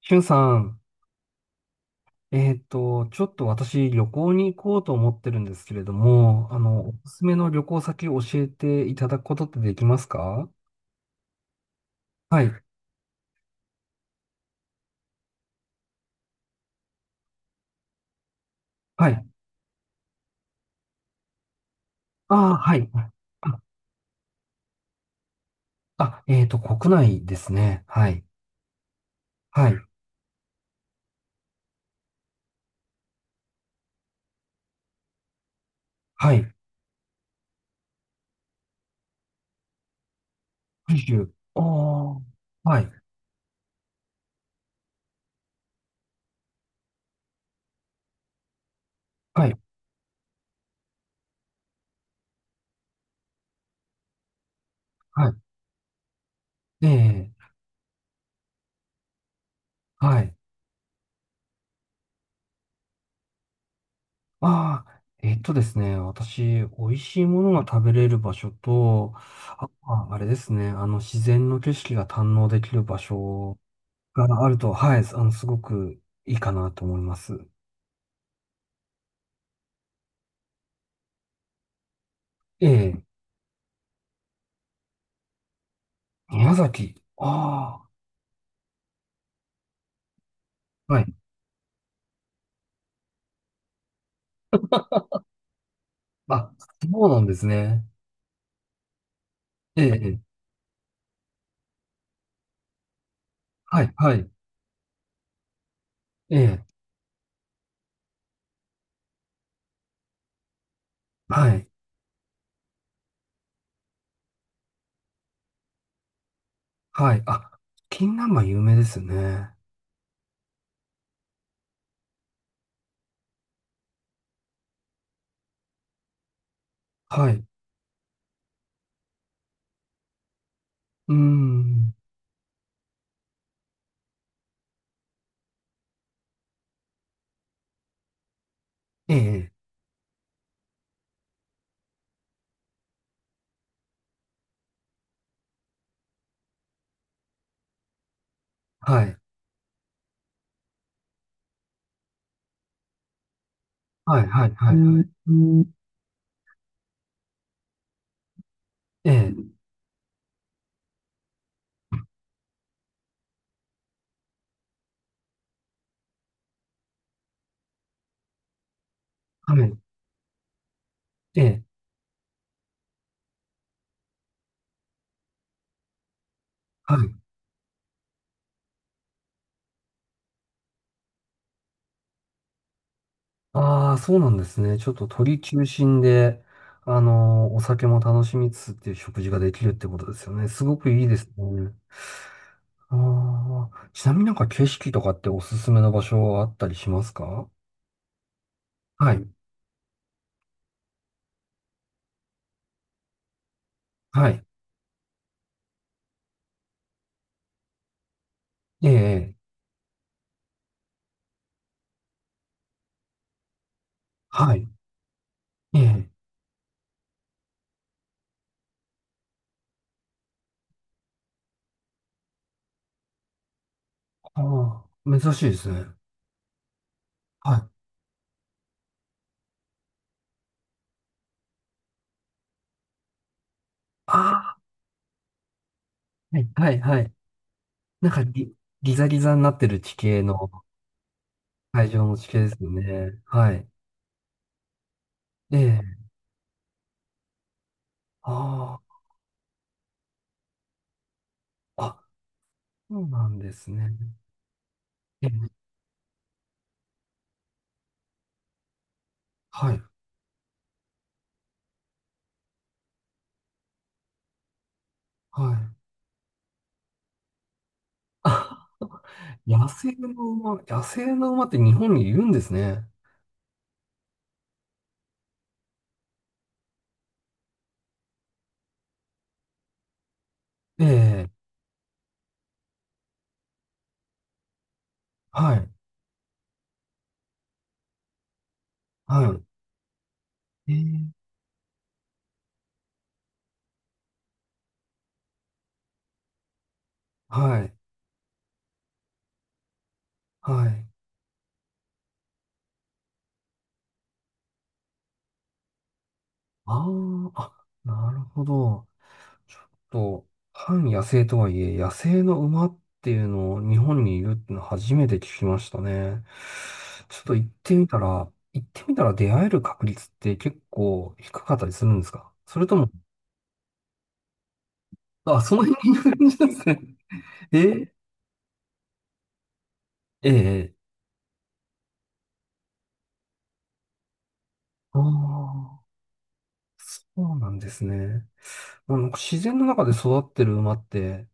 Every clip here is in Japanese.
しゅんさん、ちょっと私旅行に行こうと思ってるんですけれども、おすすめの旅行先を教えていただくことってできますか？はい。はい。ああ、はい。あ、国内ですね。はい。はい。はい。九州。おー。はい。はい。はい。ええ、はい。ああ、ですね、私、美味しいものが食べれる場所と、あれですね、自然の景色が堪能できる場所があると、はい、すごくいいかなと思います。ええ、宮崎。ああ、はい。あ、そうなんですね。ええ、ええはい、はい。ええ、はい、はい。あ、金南蛮有名ですよね。はい。うーん。ええ、はい。はい、はい、はい、はい。ええ、はい。ええ、はい。ああ、そうなんですね。ちょっと鳥中心で、お酒も楽しみつつっていう食事ができるってことですよね。すごくいいですね。ああ、ちなみになんか景色とかっておすすめの場所はあったりしますか？はい、はい、ええ、ええはい、ええ、ああ、珍しいですね。はい。ああ、はい、はい、はい。なんかギザギザになってる地形の、海上の地形ですよね。はい、ええ、ああ、あ、そうなんですね。ええ、はい、はい。あ、野生の馬って日本にいるんですね。ええ、はい、はい、ええ、はい。はい。あーあ、なるほど。ちょっと、半野生とはいえ、野生の馬っていうのを日本にいるっていうの初めて聞きましたね。ちょっと行ってみたら出会える確率って結構低かったりするんですか？それとも、あ、その辺にいる感じなんですね。ええええ。ああ、そうなんですね。まあなんか自然の中で育ってる馬って、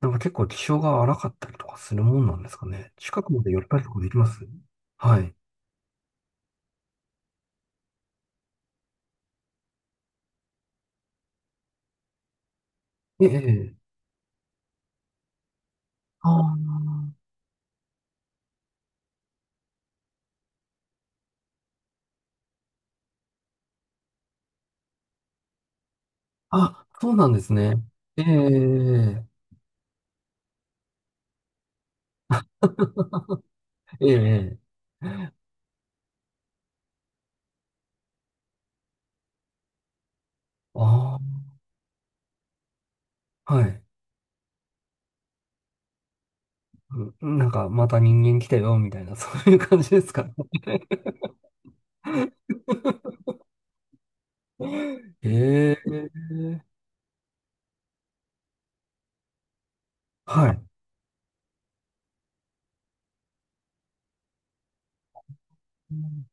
なんか結構気性が荒かったりとかするもんなんですかね。近くまで寄ったりとかできます。はい。ええ、ええああ、あ、そうなんですね。ええ、ええ、ええ、ああ、はい。うん。なんか、また人間来たよ、みたいな、そういう感じですかね。ええ、はい。うん。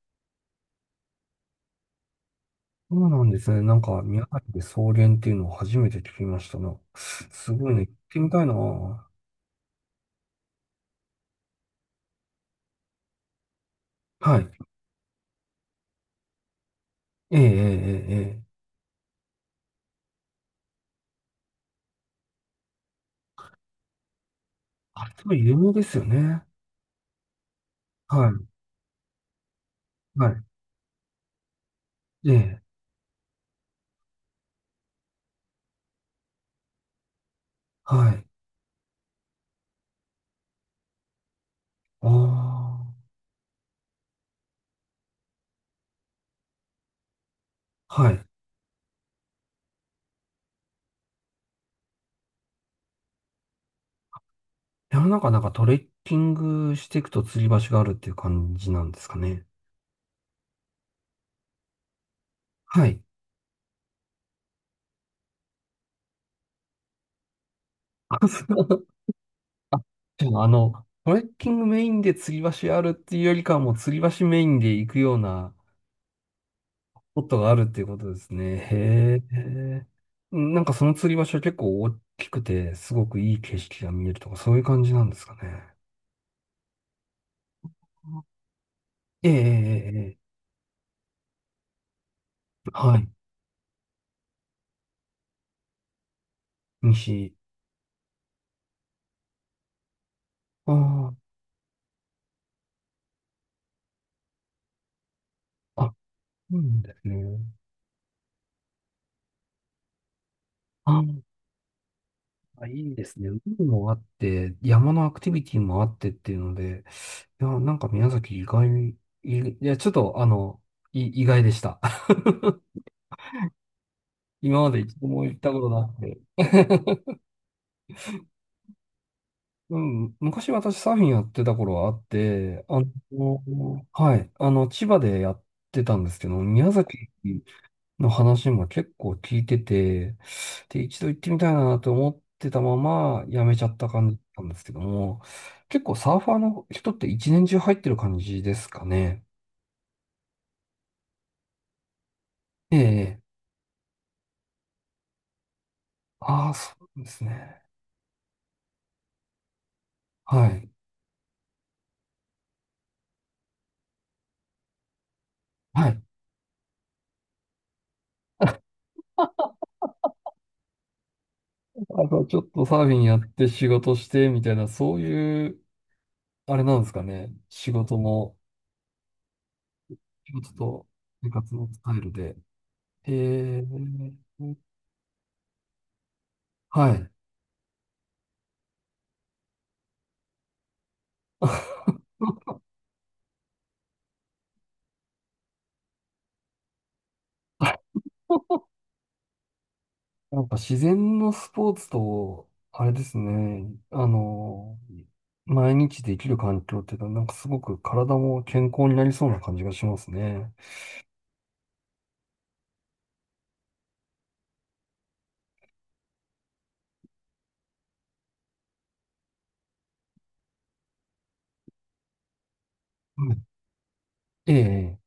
そうなんですね。なんか、宮崎で草原っていうのを初めて聞きましたな。すごいね。行ってみたいな。はい。ええ、ええ、ええ。ええ。あ、すごい有名ですよね。はい。はい。ええ、はい。ああ、はい。山の中なんかトレッキングしていくと釣り橋があるっていう感じなんですかね。はい。あ、そう。あ、じゃあ、トレッキングメインで釣り橋あるっていうよりかはもう釣り橋メインで行くようなスポットがあるっていうことですね。へえ。なんかその釣り橋は結構大きくて、すごくいい景色が見えるとか、そういう感じなんですかね。ええ、ええ、ええはい。西。ああ、あ、うんですね。ああ、いいですね。海もあって、山のアクティビティもあってっていうので、いや、なんか宮崎意外に、いや、ちょっと、意外でした。今まで一度も行ったことなくて。うん、昔私サーフィンやってた頃はあって、はい、千葉でやってたんですけど、宮崎の話も結構聞いてて、で、一度行ってみたいなと思ってたままやめちゃった感じなんですけども、結構サーファーの人って一年中入ってる感じですかね。ええ、ああ、そうですね。はい。はい。あとちょっとサーフィンやって仕事してみたいな、そういう、あれなんですかね。仕事も、仕事と生活のスタイルで。ええ、はい。なんか自然のスポーツと、あれですね、毎日できる環境っていうのは、なんかすごく体も健康になりそうな感じがしますね。うん。ええ、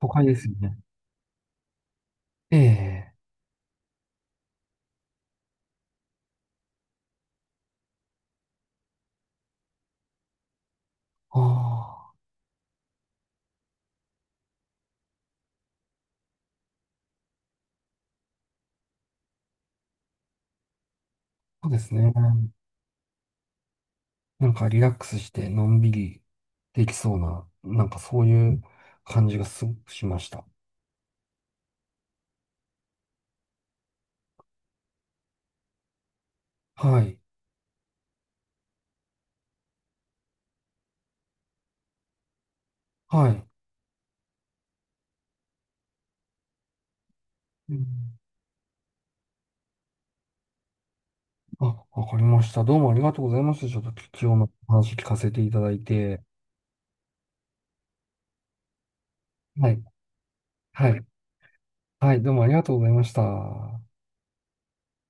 都会ですよね。ええ、ああ、そうですね。なんかリラックスしてのんびりできそうな、なんかそういう感じがすごくしました。はい、はい。うん。あ、わかりました。どうもありがとうございました。ちょっと貴重なお話聞かせていただいて。はい、はい。はい、どうもありがとうございました。